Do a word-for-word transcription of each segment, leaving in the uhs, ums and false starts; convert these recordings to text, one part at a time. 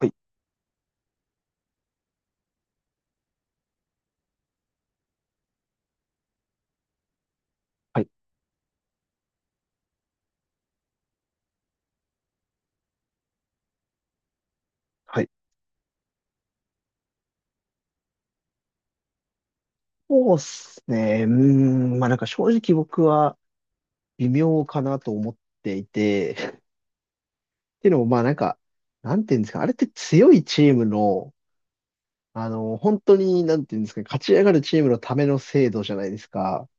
はい、はい、はい。そうですね。うーん、まあなんか正直僕は微妙かなと思っていて、っていうのもまあなんか、なんていうんですか、あれって強いチームの、あの、本当に、なんていうんですかね、勝ち上がるチームのための制度じゃないですか。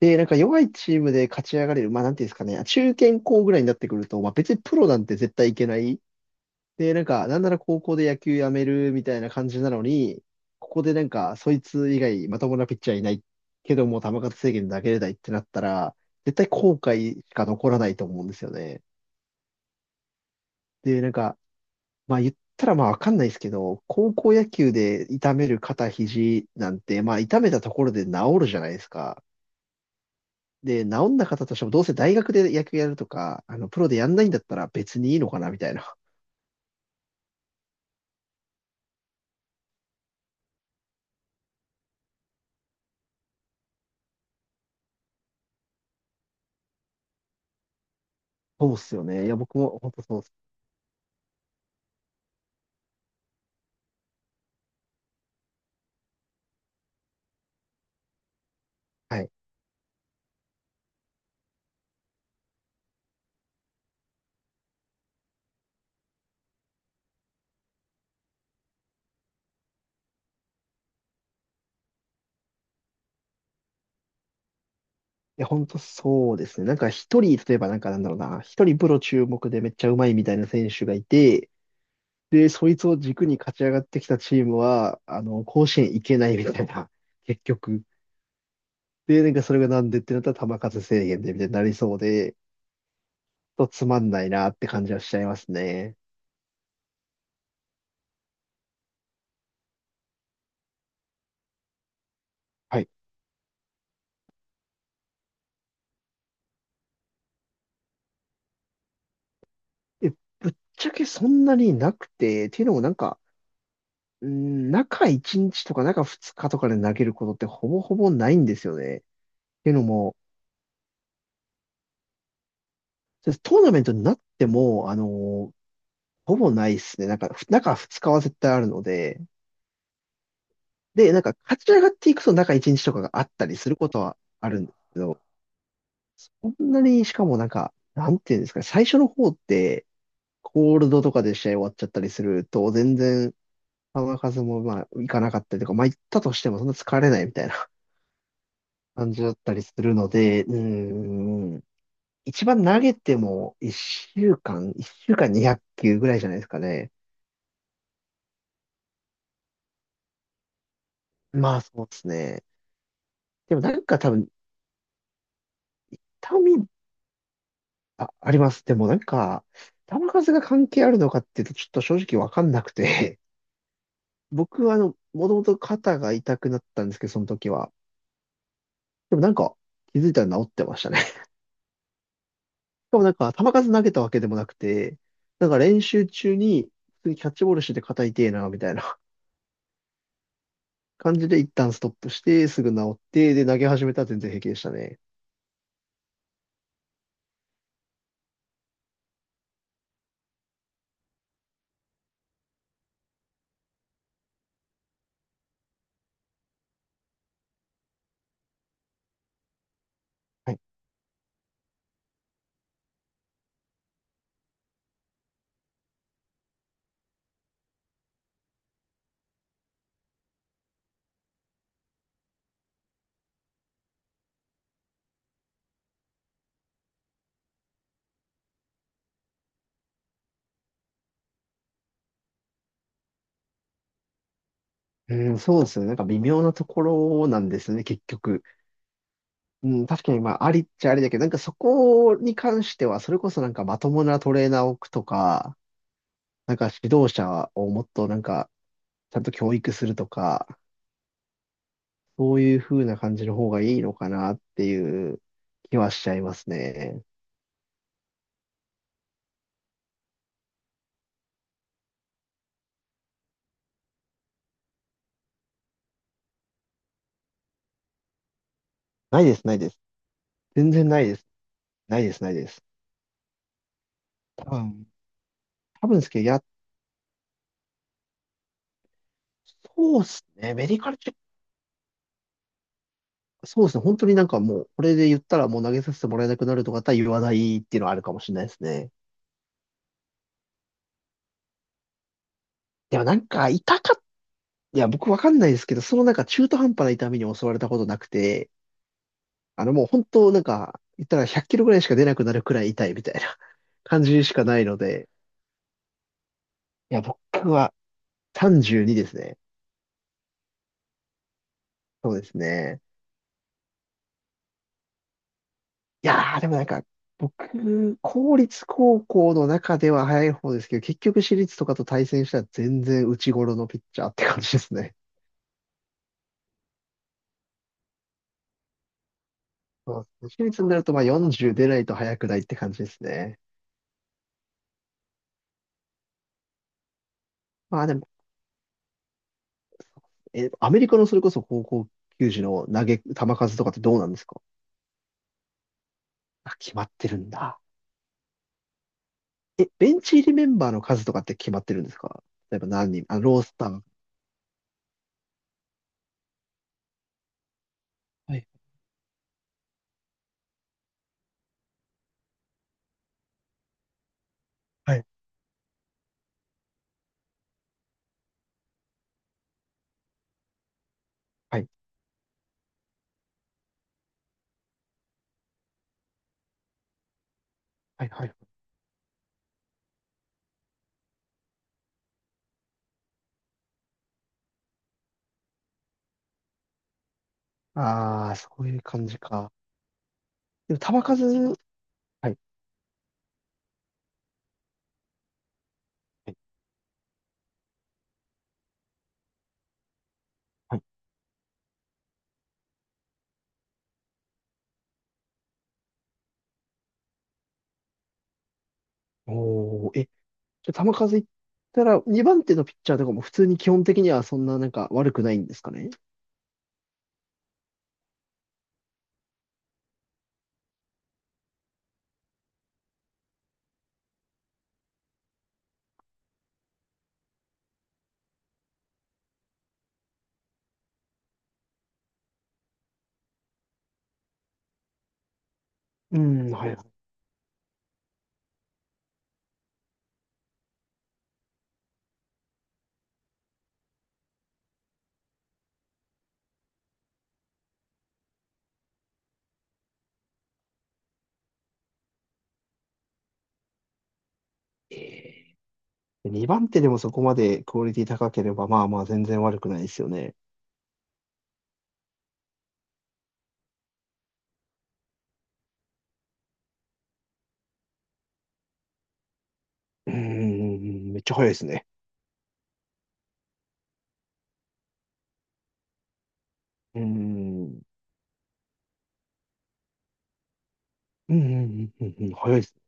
で、なんか弱いチームで勝ち上がれる、まあなんていうんですかね、中堅校ぐらいになってくると、まあ別にプロなんて絶対いけない。で、なんか、なんなら高校で野球やめるみたいな感じなのに、ここでなんか、そいつ以外まともなピッチャーいない、けども球数制限投げれないってなったら、絶対後悔しか残らないと思うんですよね。で、なんか、まあ言ったらまあわかんないですけど、高校野球で痛める肩、肘なんて、まあ痛めたところで治るじゃないですか。で、治んな方としてもどうせ大学で野球やるとか、あの、プロでやんないんだったら別にいいのかなみたいな。そうっすよね。いや、僕も本当そうっす。はいや、本当そうですね。なんか一人、例えばなんかなんだろうな、一人プロ注目でめっちゃうまいみたいな選手がいて、で、そいつを軸に勝ち上がってきたチームは、あの、甲子園行けないみたいな、結局。で、なんかそれがなんでってなったら球数制限でみたいになりそうで、ちょっとつまんないなって感じはしちゃいますね。はい。え、ぶっちゃけそんなになくて、っていうのもなんか、うん、中いちにちとか中ふつかとかで投げることってほぼほぼないんですよね。っていうのも、そうです。トーナメントになっても、あのーほぼないですね。なんか、ふ中ふつかは絶対あるので、で、なんか、勝ち上がっていくと中いちにちとかがあったりすることはあるんですけど、こんなに、しかもなんか、なんていうんですかね、最初の方って、コールドとかで試合終わっちゃったりすると、全然、球数もまあ、いかなかったりとか、まあ、行ったとしてもそんな疲れないみたいな 感じだったりするので、うーん、一番投げてもいっしゅうかん、いっしゅうかんにひゃく球ぐらいじゃないですかね。まあ、そうですね。でもなんか多分、痛み、あ、あります。でもなんか、球数が関係あるのかっていうと、ちょっと正直わかんなくて、僕はあの、もともと肩が痛くなったんですけど、その時は。でもなんか、気づいたら治ってましたね。しかもなんか、球数投げたわけでもなくて、なんか練習中に、普通にキャッチボールしてて肩痛えな、みたいな 感じで一旦ストップして、すぐ治って、で、投げ始めたら全然平気でしたね。はい。うん、そうですよね。なんか微妙なところなんですね、結局。うん、確かにまあ、ありっちゃありだけど、なんかそこに関しては、それこそなんかまともなトレーナーを置くとか、なんか指導者をもっとなんか、ちゃんと教育するとか、そういう風な感じの方がいいのかなっていう気はしちゃいますね。ないです、ないです。全然ないです。ないです、ないです。多分、多分ですけど、や、そうっすね。メディカルチェック、そうですね。本当になんかもう、これで言ったらもう投げさせてもらえなくなるとかだったら言わないっていうのはあるかもしれないですね。でもなんか、痛かっいや、僕わかんないですけど、そのなんか中途半端な痛みに襲われたことなくて、あのもう本当なんか、言ったらひゃっキロぐらいしか出なくなるくらい痛いみたいな 感じしかないので、いや、僕はさんじゅうにですね。そうですね。いやー、でもなんか、僕、公立高校の中では早い方ですけど、結局私立とかと対戦したら全然内頃のピッチャーって感じですね。そうですね。私立になるとまあよんじゅう出ないと早くないって感じですね。まあでもえ、アメリカのそれこそ高校球児の投げ、球数とかってどうなんですかあ？決まってるんだ。え、ベンチ入りメンバーの数とかって決まってるんですか？例えば何人、あ、ロースター。はい、はい、はい、はい、はい。ああ、そういう感じか。でも球数、はい、はい、はい。おー、え、じゃあ球数いったら、にばん手のピッチャーとかも普通に基本的にはそんななんか悪くないんですかね？うん、はい。えー、にばん手でもそこまでクオリティ高ければ、まあまあ全然悪くないですよね。うーん、めっちゃ早いですね。うーん、うん、うん、うん、うん、早いですね。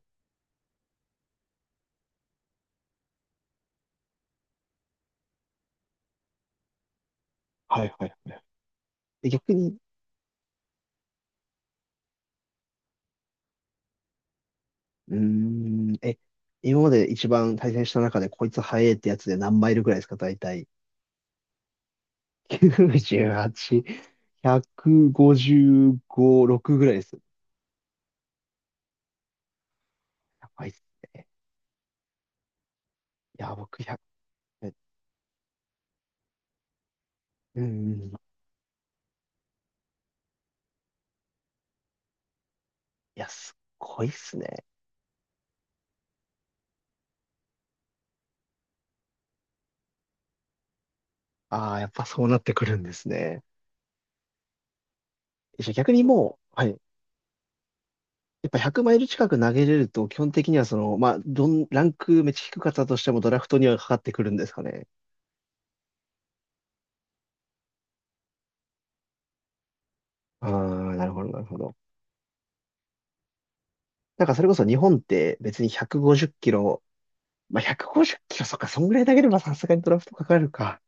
はい、はい、はい。で逆に、うーん、え、今まで一番対戦した中でこいつ早いってやつで何マイルくらいですか、大体。きゅうじゅうはち、ひゃくごじゅうご、ろくぐらいです。やばいっす。いや、僕いち、え、うん、いや、すっごいっすね。ああ、やっぱそうなってくるんですね。じゃあ逆にもう、はい。やっぱひゃくマイル近く投げれると、基本的にはその、まあ、どん、ランクめっちゃ低かったとしてもドラフトにはかかってくるんですかね。ああ、なるほど、なるほど。なんかそれこそ日本って別にひゃくごじゅっキロ、まあ、ひゃくごじゅっキロ、そっか、そんぐらい投げればさすがにドラフトかかるか。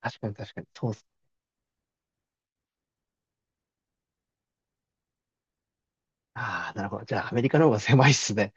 確かに、確かに。そうっす。ああ、なるほど。じゃあアメリカの方が狭いっすね。